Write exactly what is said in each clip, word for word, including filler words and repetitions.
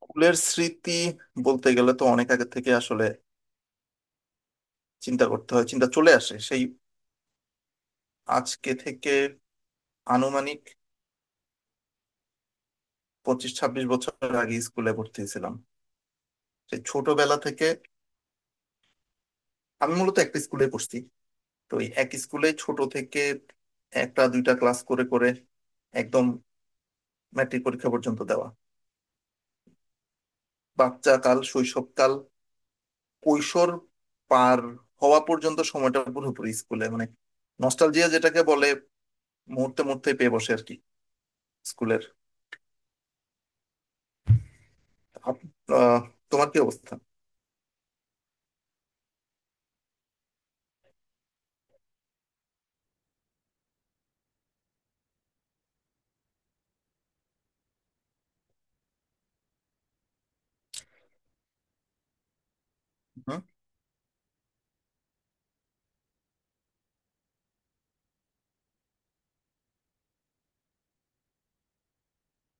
স্কুলের স্মৃতি বলতে গেলে তো অনেক আগে থেকে আসলে চিন্তা করতে হয়, চিন্তা চলে আসে সেই আজকে থেকে আনুমানিক পঁচিশ ছাব্বিশ বছর আগে স্কুলে ভর্তি হয়েছিলাম। সেই ছোটবেলা থেকে আমি মূলত একটা স্কুলে পড়ছি। তো এই এক স্কুলে ছোট থেকে একটা দুইটা ক্লাস করে করে একদম ম্যাট্রিক পরীক্ষা পর্যন্ত দেওয়া। বাচ্চা কাল, শৈশবকাল, কৈশোর পার হওয়া পর্যন্ত সময়টা পুরোপুরি স্কুলে, মানে নস্টালজিয়া যেটাকে বলে, মুহূর্তে মুহূর্তে পেয়ে বসে আর কি। স্কুলের আপ- আহ, তোমার কি অবস্থা? হুম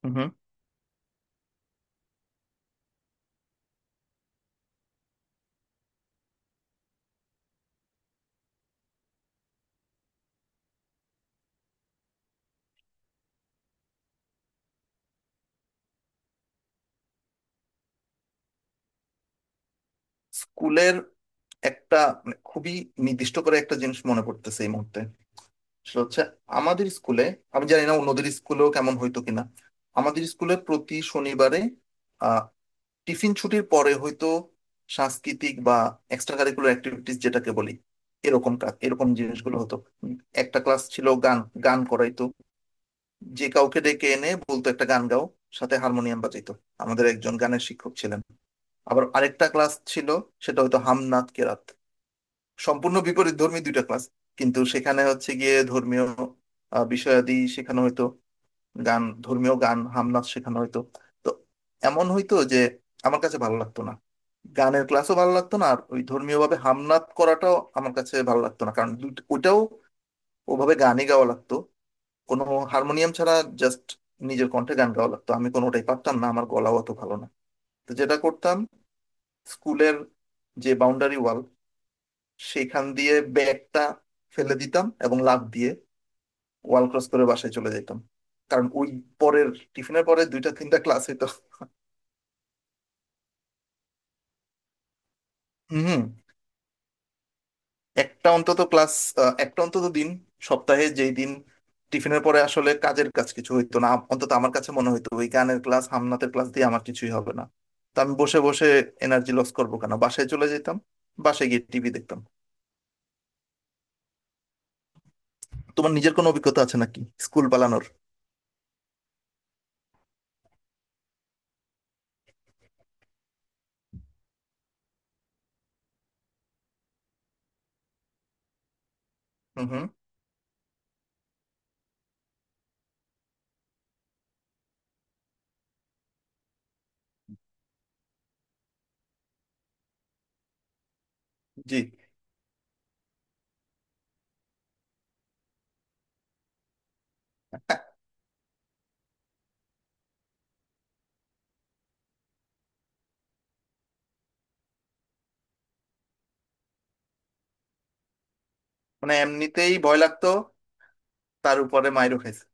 হুম। স্কুলের একটা, মানে খুবই নির্দিষ্ট করে একটা জিনিস মনে পড়তেছে এই মুহূর্তে। সেটা হচ্ছে আমাদের স্কুলে, আমি জানি না অন্যদের স্কুলেও কেমন হইতো কিনা। আমাদের স্কুলে প্রতি শনিবারে আহ টিফিন ছুটির পরে হয়তো সাংস্কৃতিক বা এক্সট্রা কারিকুলার অ্যাক্টিভিটিস যেটাকে বলি, এরকম কাজ এরকম জিনিসগুলো হতো। উম, একটা ক্লাস ছিল গান। গান করাইতো, যে কাউকে ডেকে এনে বলতো একটা গান গাও, সাথে হারমোনিয়াম বাজাইতো। আমাদের একজন গানের শিক্ষক ছিলেন। আবার আরেকটা ক্লাস ছিল, সেটা হয়তো হামনাত কেরাত। সম্পূর্ণ বিপরীত ধর্মী দুইটা ক্লাস, কিন্তু সেখানে হচ্ছে গিয়ে ধর্মীয় আহ, বিষয়াদি শেখানো হয়তো। গান, ধর্মীয় গান, হামনাত শেখানো হয়তো। তো এমন হয়তো যে আমার কাছে ভালো লাগতো না। গানের ক্লাসও ভালো লাগতো না, আর ওই ধর্মীয় ভাবে হামনাত করাটাও আমার কাছে ভালো লাগতো না, কারণ দুইটা- ওটাও ওভাবে গানই গাওয়া লাগতো, কোনো হারমোনিয়াম ছাড়া, জাস্ট নিজের কণ্ঠে গান গাওয়া লাগতো। আমি কোনোটাই পারতাম না, আমার গলাও অত ভালো না। তো যেটা করতাম, স্কুলের যে বাউন্ডারি ওয়াল, সেইখান দিয়ে ব্যাগটা ফেলে দিতাম এবং লাফ দিয়ে ওয়াল ক্রস করে বাসায় চলে যেতাম। কারণ ওই পরের, টিফিনের পরে দুইটা তিনটা ক্লাস হইতো। হম। একটা অন্তত ক্লাস, আহ, একটা অন্তত দিন, সপ্তাহে যেই দিন টিফিনের পরে আসলে কাজের কাজ কিছু হইতো না, আম- অন্তত আমার কাছে মনে হইতো ওই গানের ক্লাস, হামনাতের ক্লাস দিয়ে আমার কিছুই হবে না। তো আমি বসে বসে এনার্জি লস করবো কেন, বাসায় চলে যেতাম। বাসায় গিয়ে টিভি দেখতাম। তোমার নিজের কোনো অভিজ্ঞতা আছে নাকি স্কুল পালানোর? হুম হুম। জি। মানে এমনিতেই ভয় লাগতো, তার উপরে মাইরও খাইছে।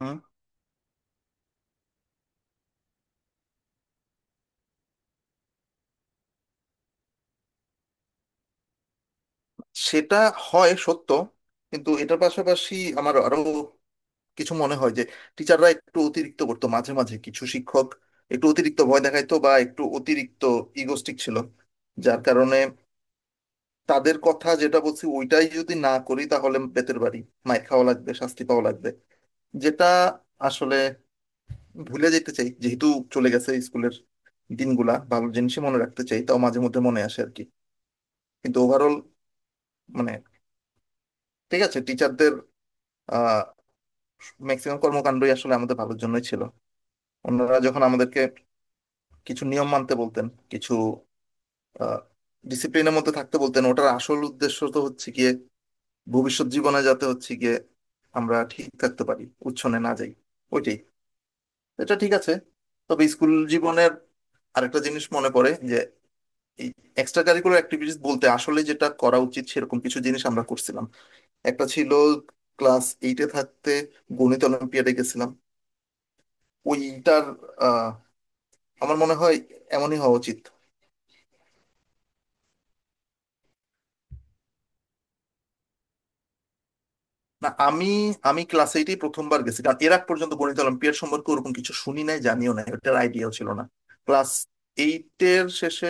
হুম। সেটা হয় সত্য, কিন্তু এটার পাশাপাশি আমার আরো কিছু মনে হয় যে টিচাররা একটু অতিরিক্ত করতো মাঝে মাঝে। কিছু শিক্ষক একটু অতিরিক্ত ভয় দেখাইতো বা একটু অতিরিক্ত ইগোস্টিক ছিল, যার কারণে তাদের কথা যেটা বলছি ওইটাই যদি না করি তাহলে বেতের বাড়ি, মাইর খাওয়া লাগবে, শাস্তি পাওয়া লাগবে, যেটা আসলে ভুলে যেতে চাই, যেহেতু চলে গেছে স্কুলের দিনগুলা, ভালো জিনিসই মনে রাখতে চাই, তাও মাঝে মধ্যে মনে আসে আর কি। কিন্তু ওভারঅল মানে ঠিক আছে, টিচারদের আহ ম্যাক্সিমাম কর্মকাণ্ডই আসলে আমাদের ভালোর জন্যই ছিল। ওনারা যখন আমাদেরকে কিছু নিয়ম মানতে বলতেন, কিছু আহ ডিসিপ্লিনের মধ্যে থাকতে বলতেন, ওটার আসল উদ্দেশ্য তো হচ্ছে গিয়ে ভবিষ্যৎ জীবনে যাতে হচ্ছে গিয়ে আমরা ঠিক থাকতে পারি, উচ্ছনে না যাই, ওইটাই। এটা ঠিক আছে। তবে স্কুল জীবনের আরেকটা জিনিস মনে পড়ে যে এই এক্সট্রা কারিকুলার অ্যাক্টিভিটিস বলতে আসলে যেটা করা উচিত সেরকম কিছু জিনিস আমরা করছিলাম। একটা ছিল, ক্লাস এইটে থাকতে গণিত অলিম্পিয়াডে গেছিলাম। ওইটার আহ আমার মনে হয় এমনই হওয়া উচিত। না, আমি আমি ক্লাস এইটেই প্রথমবার গেছি, কারণ এর আগ পর্যন্ত গণিত অলিম্পিয়াড সম্পর্কে ওরকম কিছু শুনি নাই, জানিও নাই, ওটার আইডিয়াও ছিল না। ক্লাস এইটের শেষে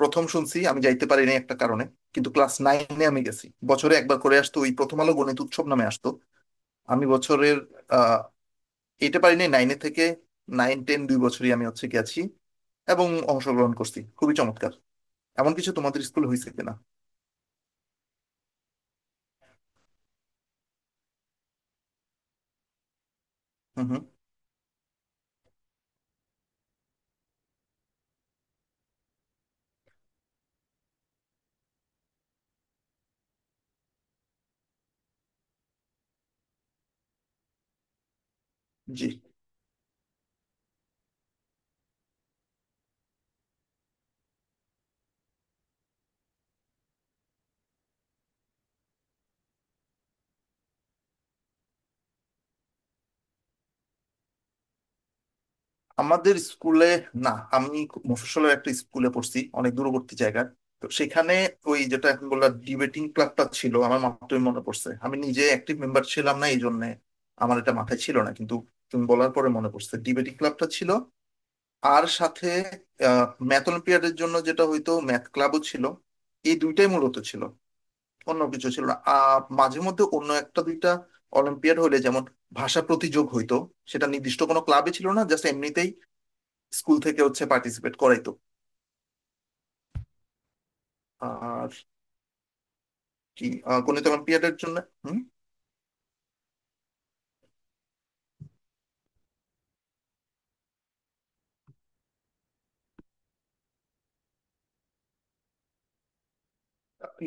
প্রথম শুনছি, আমি যাইতে পারিনি একটা কারণে। কিন্তু ক্লাস নাইনে আমি গেছি, বছরে একবার করে আসতো ওই প্রথম আলো গণিত উৎসব নামে আসতো। আমি বছরের আহ এইটে পারিনি, নাইনে থেকে নাইন টেন দুই বছরই আমি হচ্ছে গেছি এবং অংশগ্রহণ করছি, খুবই চমৎকার। এমন কিছু তোমাদের স্কুলে হয়েছে কিনা? হুম হুম। জি। আমাদের স্কুলে না, আমি মফস্বলের একটা স্কুলে পড়ছি, অনেক দূরবর্তী জায়গায়। তো সেখানে ওই যেটা এখন বললাম ডিবেটিং ক্লাবটা ছিল, আমার মাত্রই মনে পড়ছে, আমি নিজে অ্যাক্টিভ মেম্বার ছিলাম না, এই জন্য আমার এটা মাথায় ছিল না, কিন্তু তুমি বলার পরে মনে পড়ছে ডিবেটিং ক্লাবটা ছিল। আর সাথে ম্যাথ অলিম্পিয়াডের জন্য যেটা হয়তো ম্যাথ ক্লাবও ছিল। এই দুইটাই মূলত ছিল। অন্য কিছু ছিল না, আর মাঝে মধ্যে অন্য একটা দুইটা অলিম্পিয়াড হলে যেমন ভাষা প্রতিযোগ হইতো, সেটা নির্দিষ্ট কোনো ক্লাবে ছিল না, জাস্ট এমনিতেই স্কুল থেকে হচ্ছে পার্টিসিপেট করাইতো আর কি, আহ, গণিত এবং পিরিয়ডের জন্য। হুম।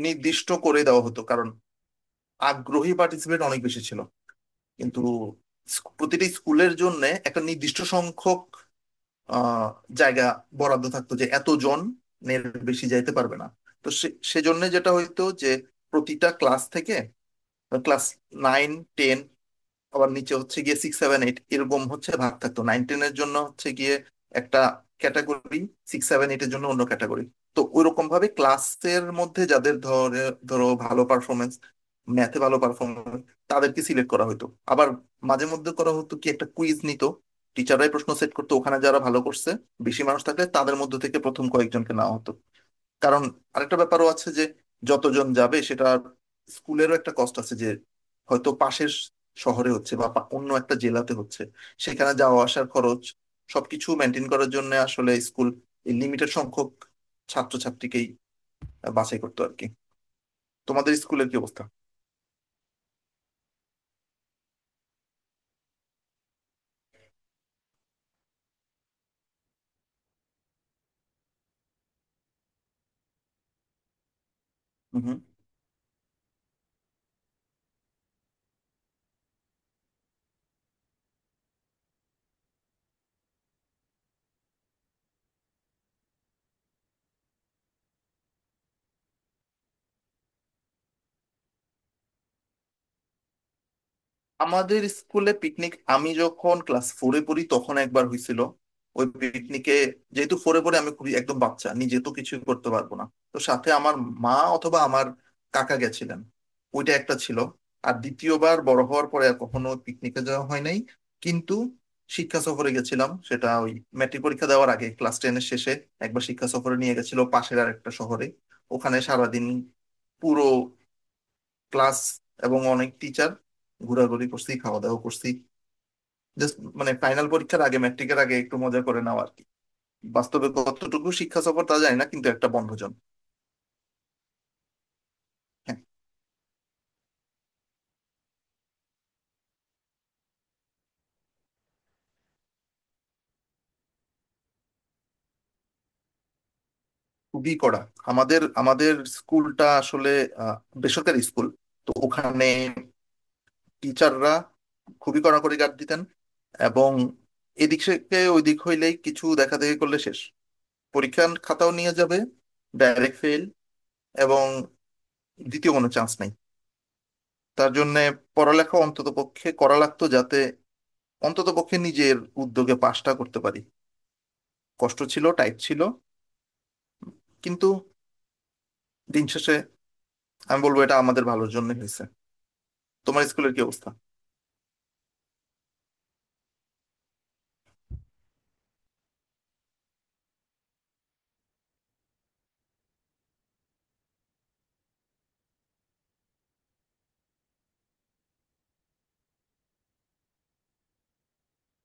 নির্দিষ্ট করে দেওয়া হতো, কারণ আগ্রহী পার্টিসিপেট অনেক বেশি ছিল। কিন্তু স্কু- প্রতিটি স্কুলের জন্য একটা নির্দিষ্ট সংখ্যক আহ, জায়গা বরাদ্দ থাকতো, যে এতজন এর বেশি যাইতে পারবে না। তো সে সেজন্য যেটা হইতো যে প্রতিটা ক্লাস থেকে, ক্লাস নাইন টেন, আবার নিচে হচ্ছে গিয়ে সিক্স সেভেন এইট, এরকম হচ্ছে ভাগ থাকতো। নাইন টেনের জন্য হচ্ছে গিয়ে একটা ক্যাটাগরি, সিক্স সেভেন এইটের জন্য অন্য ক্যাটাগরি। তো ওইরকম ভাবে ক্লাসের মধ্যে যাদের ধরে ধরো ভালো পারফরমেন্স, ম্যাথে ভালো পারফরমেন্স, তাদেরকে সিলেক্ট করা হতো। আবার মাঝে মধ্যে করা হতো কি, একটা কুইজ নিত, টিচাররাই প্রশ্ন সেট করতো, ওখানে যারা ভালো করছে, বেশি মানুষ থাকলে তাদের মধ্যে থেকে প্রথম কয়েকজনকে নেওয়া হতো। কারণ আরেকটা ব্যাপারও আছে, যে যতজন যাবে সেটা স্কুলেরও একটা কষ্ট আছে, যে হয়তো পাশের শহরে হচ্ছে বা পা- অন্য একটা জেলাতে হচ্ছে, সেখানে যাওয়া আসার খরচ সবকিছু মেনটেন করার জন্য আসলে স্কুল লিমিটেড সংখ্যক ছাত্রছাত্রীকেই বাছাই করতো আর কি। তোমাদের স্কুলের কি অবস্থা? হুম। আমাদের স্কুলে পিকনিক আমি যখন ক্লাস ফোরে পড়ি তখন একবার হয়েছিল। ওই পিকনিকে যেহেতু ফোরে পড়ে আমি খুবই একদম বাচ্চা, নিজে তো কিছু করতে পারবো না, তো সাথে আমার মা অথবা আমার কাকা গেছিলেন। ওইটা একটা ছিল। আর দ্বিতীয়বার বড় হওয়ার পরে আর কখনো পিকনিকে যাওয়া হয় নাই। কিন্তু শিক্ষা সফরে গেছিলাম, সেটা ওই ম্যাট্রিক পরীক্ষা দেওয়ার আগে ক্লাস টেনের শেষে একবার শিক্ষা সফরে নিয়ে গেছিল পাশের আর একটা শহরে। ওখানে সারাদিন পুরো ক্লাস এবং অনেক টিচার ঘোরাঘুরি করছি, খাওয়া দাওয়া করছি, জাস্ট মানে ফাইনাল পরীক্ষার আগে, ম্যাট্রিকের আগে একটু মজা করে নেওয়া আর কি। বাস্তবে কতটুকু শিক্ষা সফর তা জানি না, কিন্তু একটা বন্ধজন। হ্যাঁ। খুবই কড়া। আমাদের আমাদের স্কুলটা আসলে আহ, বেসরকারি স্কুল। তো ওখানে টিচাররা খুবই কড়াকড়ি গার্ড দিতেন। এবং এদিক থেকে ওইদিক হইলেই কিছু দেখা দেখি করলে শেষ, পরীক্ষার খাতাও নিয়ে যাবে, ডাইরেক্ট ফেল, এবং দ্বিতীয় কোনো চান্স নাই। তার জন্য পড়ালেখা অন্তত পক্ষে করা লাগতো, যাতে অন্তত পক্ষে নিজের উদ্যোগে পাশটা করতে পারি। কষ্ট ছিল, টাইট ছিল, কিন্তু দিন শেষে আমি বলবো এটা আমাদের ভালোর জন্য হয়েছে। তোমার স্কুলের কি অবস্থা?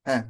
হ্যাঁ